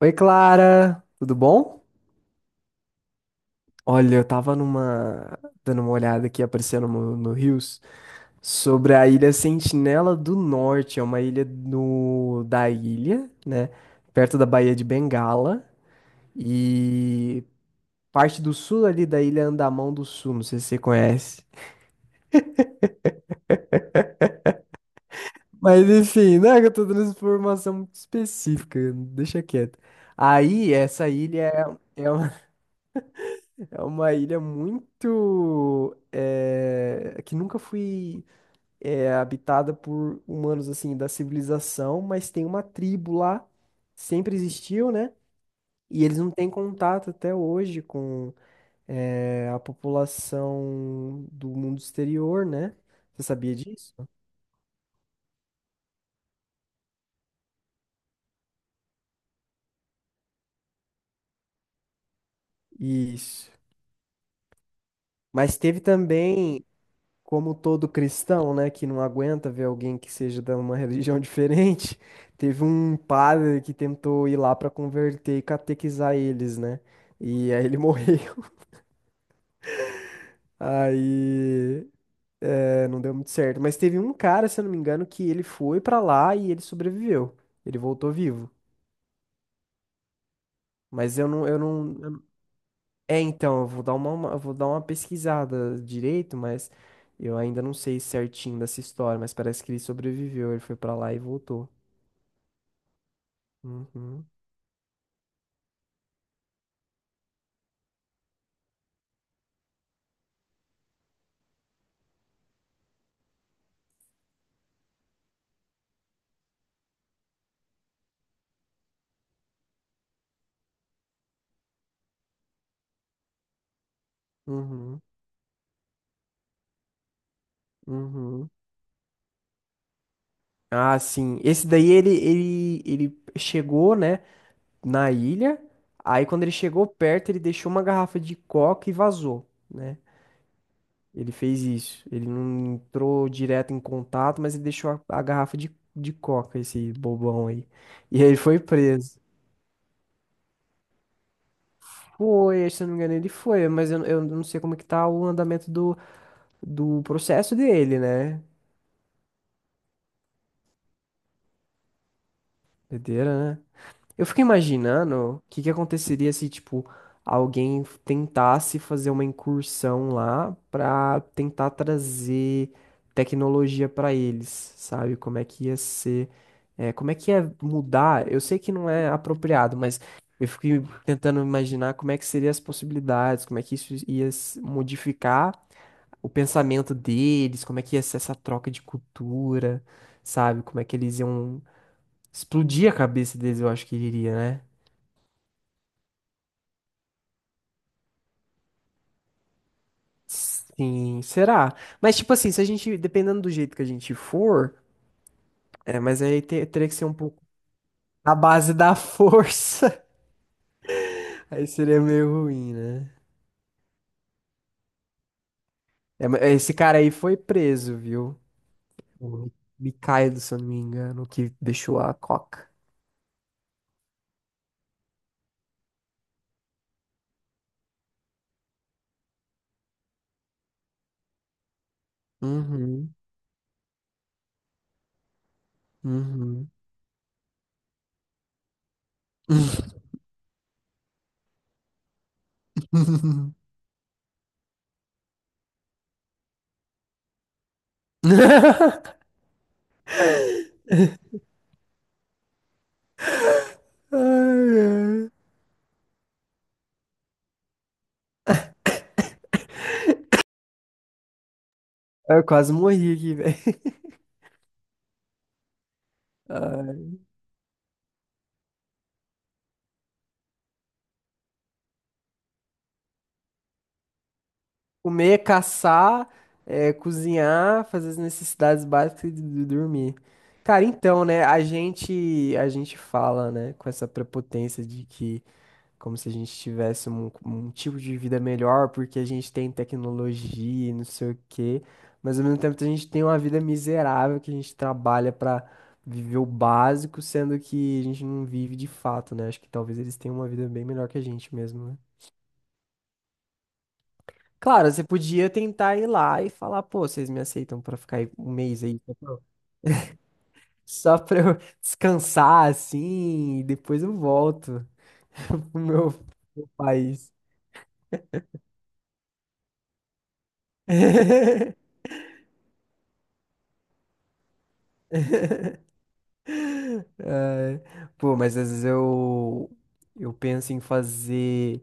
Oi, Clara, tudo bom? Olha, eu tava numa dando uma olhada aqui aparecendo no Rios sobre a Ilha Sentinela do Norte, é uma ilha no da ilha, né, perto da Baía de Bengala e parte do sul ali da Ilha Andamão do Sul, não sei se você conhece. Mas enfim, né, que eu tô dando essa informação muito específica, deixa quieto. Aí, essa ilha é, é uma é uma ilha muito que nunca foi habitada por humanos assim da civilização, mas tem uma tribo lá, sempre existiu, né? E eles não têm contato até hoje com a população do mundo exterior, né? Você sabia disso? Isso. Mas teve também, como todo cristão, né, que não aguenta ver alguém que seja de uma religião diferente, teve um padre que tentou ir lá para converter e catequizar eles, né? E aí ele morreu. Aí é, não deu muito certo. Mas teve um cara, se eu não me engano, que ele foi para lá e ele sobreviveu. Ele voltou vivo. Mas eu não, eu não. eu não- É, então, eu vou dar uma pesquisada direito, mas eu ainda não sei certinho dessa história, mas parece que ele sobreviveu. Ele foi para lá e voltou. Uhum, uhum, uhum. Ah, sim. Esse daí ele chegou, né, na ilha. Aí quando ele chegou perto, ele deixou uma garrafa de coca e vazou, né? Ele fez isso. Ele não entrou direto em contato, mas ele deixou a garrafa de coca, esse bobão aí. E aí ele foi preso. Foi, se eu não me engano, ele foi, mas eu não sei como é que tá o andamento do, do processo dele, né? Doideira, né? Eu fico imaginando o que que aconteceria se, tipo, alguém tentasse fazer uma incursão lá pra tentar trazer tecnologia pra eles, sabe? Como é que ia ser, é, como é que ia mudar? Eu sei que não é apropriado, mas eu fico tentando imaginar como é que seriam as possibilidades, como é que isso ia s- modificar o pensamento deles, como é que ia ser essa troca de cultura, sabe? Como é que eles iam explodir a cabeça deles, eu acho que iria, né? Sim, será? Mas, tipo assim, se a gente, dependendo do jeito que a gente for, é, mas teria que ser um pouco na base da força. Aí seria meio ruim, né? É, mas esse cara aí foi preso, viu? O Mikhailo, se eu não me engano, o que deixou a coca. Uhum, uhum. Ai, ai. Eu quase morri aqui, velho. Comer, caçar, cozinhar, fazer as necessidades básicas e dormir. Cara, então, né, a gente fala, né, com essa prepotência de que, como se a gente tivesse um tipo de vida melhor porque a gente tem tecnologia e não sei o quê, mas ao mesmo tempo a gente tem uma vida miserável que a gente trabalha pra viver o básico, sendo que a gente não vive de fato, né? Acho que talvez eles tenham uma vida bem melhor que a gente mesmo, né? Claro, você podia tentar ir lá e falar, pô, vocês me aceitam pra ficar aí um mês aí, só pra eu descansar assim, e depois eu volto pro meu país. Pô, mas às vezes eu penso em fazer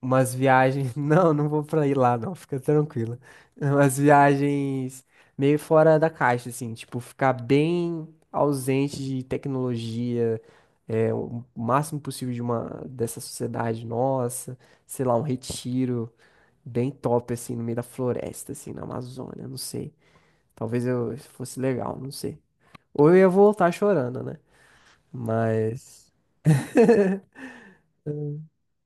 umas viagens. Não, não vou pra ir lá, não, fica tranquila. Umas viagens meio fora da caixa, assim, tipo, ficar bem ausente de tecnologia, é, o máximo possível de uma dessa sociedade nossa, sei lá, um retiro bem top, assim, no meio da floresta, assim, na Amazônia, não sei. Talvez eu fosse legal, não sei. Ou eu ia voltar chorando, né? Mas.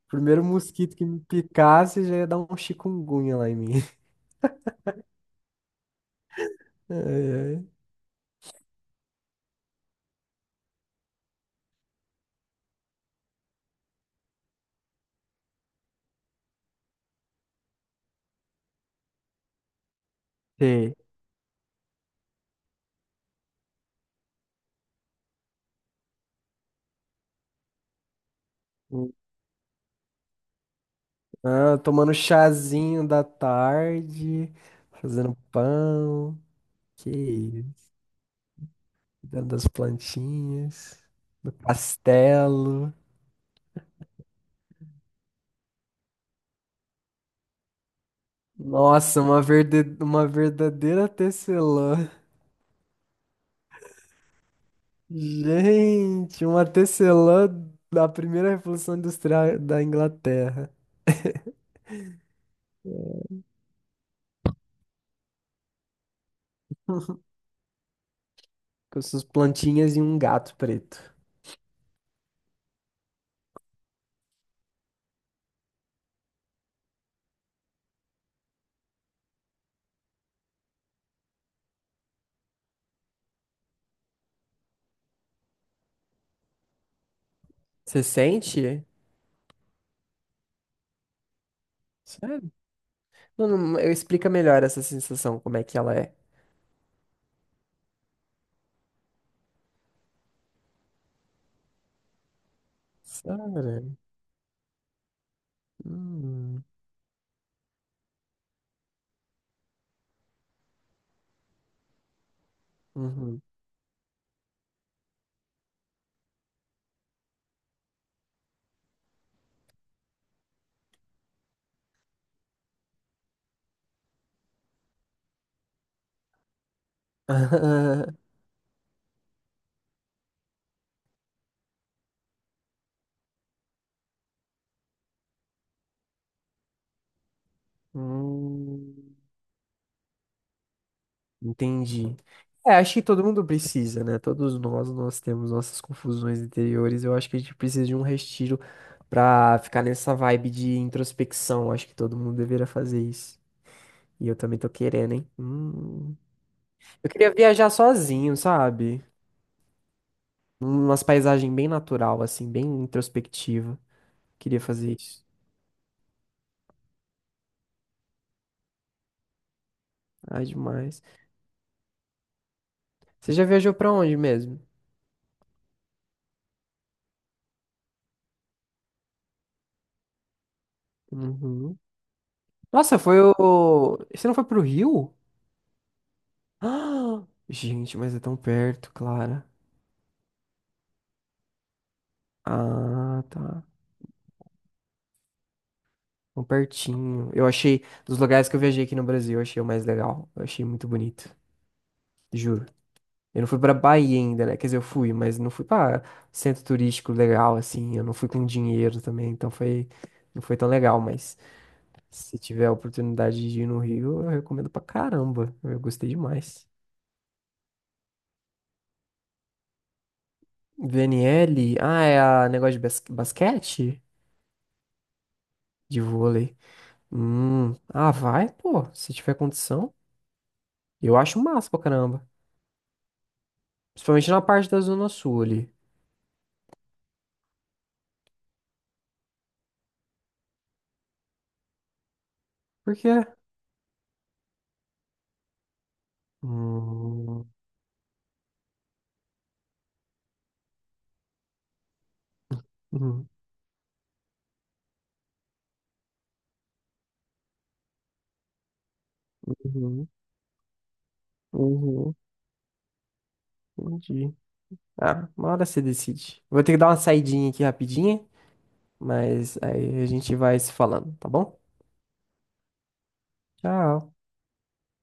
Primeiro mosquito que me picasse já ia dar um chikungunya lá em mim. Ai, ai. Sei. Ah, tomando chazinho da tarde, fazendo pão, que isso, cuidando das plantinhas, do castelo. Nossa, uma verdadeira tecelã. Gente, uma tecelã da primeira Revolução Industrial da Inglaterra, com suas plantinhas e um gato preto. Você sente? Sério? Não, não, eu explica melhor essa sensação, como é que ela é. Sério? Hum, uhum. Hum, entendi. É, acho que todo mundo precisa, né? Todos nós, nós temos nossas confusões interiores. Eu acho que a gente precisa de um retiro pra ficar nessa vibe de introspecção. Acho que todo mundo deveria fazer isso. E eu também tô querendo, hein? Hum. Eu queria viajar sozinho, sabe? Umas paisagens bem natural, assim, bem introspectiva. Queria fazer isso. Ah, demais. Você já viajou pra onde mesmo? Uhum. Nossa, foi o. Você não foi pro Rio? Ah, gente, mas é tão perto, Clara. Ah, tá. Tão pertinho. Eu achei, dos lugares que eu viajei aqui no Brasil, eu achei o mais legal. Eu achei muito bonito, juro. Eu não fui pra Bahia ainda, né? Quer dizer, eu fui, mas não fui pra centro turístico legal, assim. Eu não fui com dinheiro também, então foi. Não foi tão legal, mas se tiver a oportunidade de ir no Rio, eu recomendo pra caramba. Eu gostei demais. VNL? Ah, é a negócio de basquete? De vôlei. Hum. Ah, vai, pô, se tiver condição. Eu acho massa pra caramba. Principalmente na parte da Zona Sul ali. Por quê? Hum. Uhum. Uhum. Uhum. Entendi. Ah, uma hora você decide. Vou ter que dar uma saidinha aqui rapidinha, mas aí a gente vai se falando, tá bom? Tchau.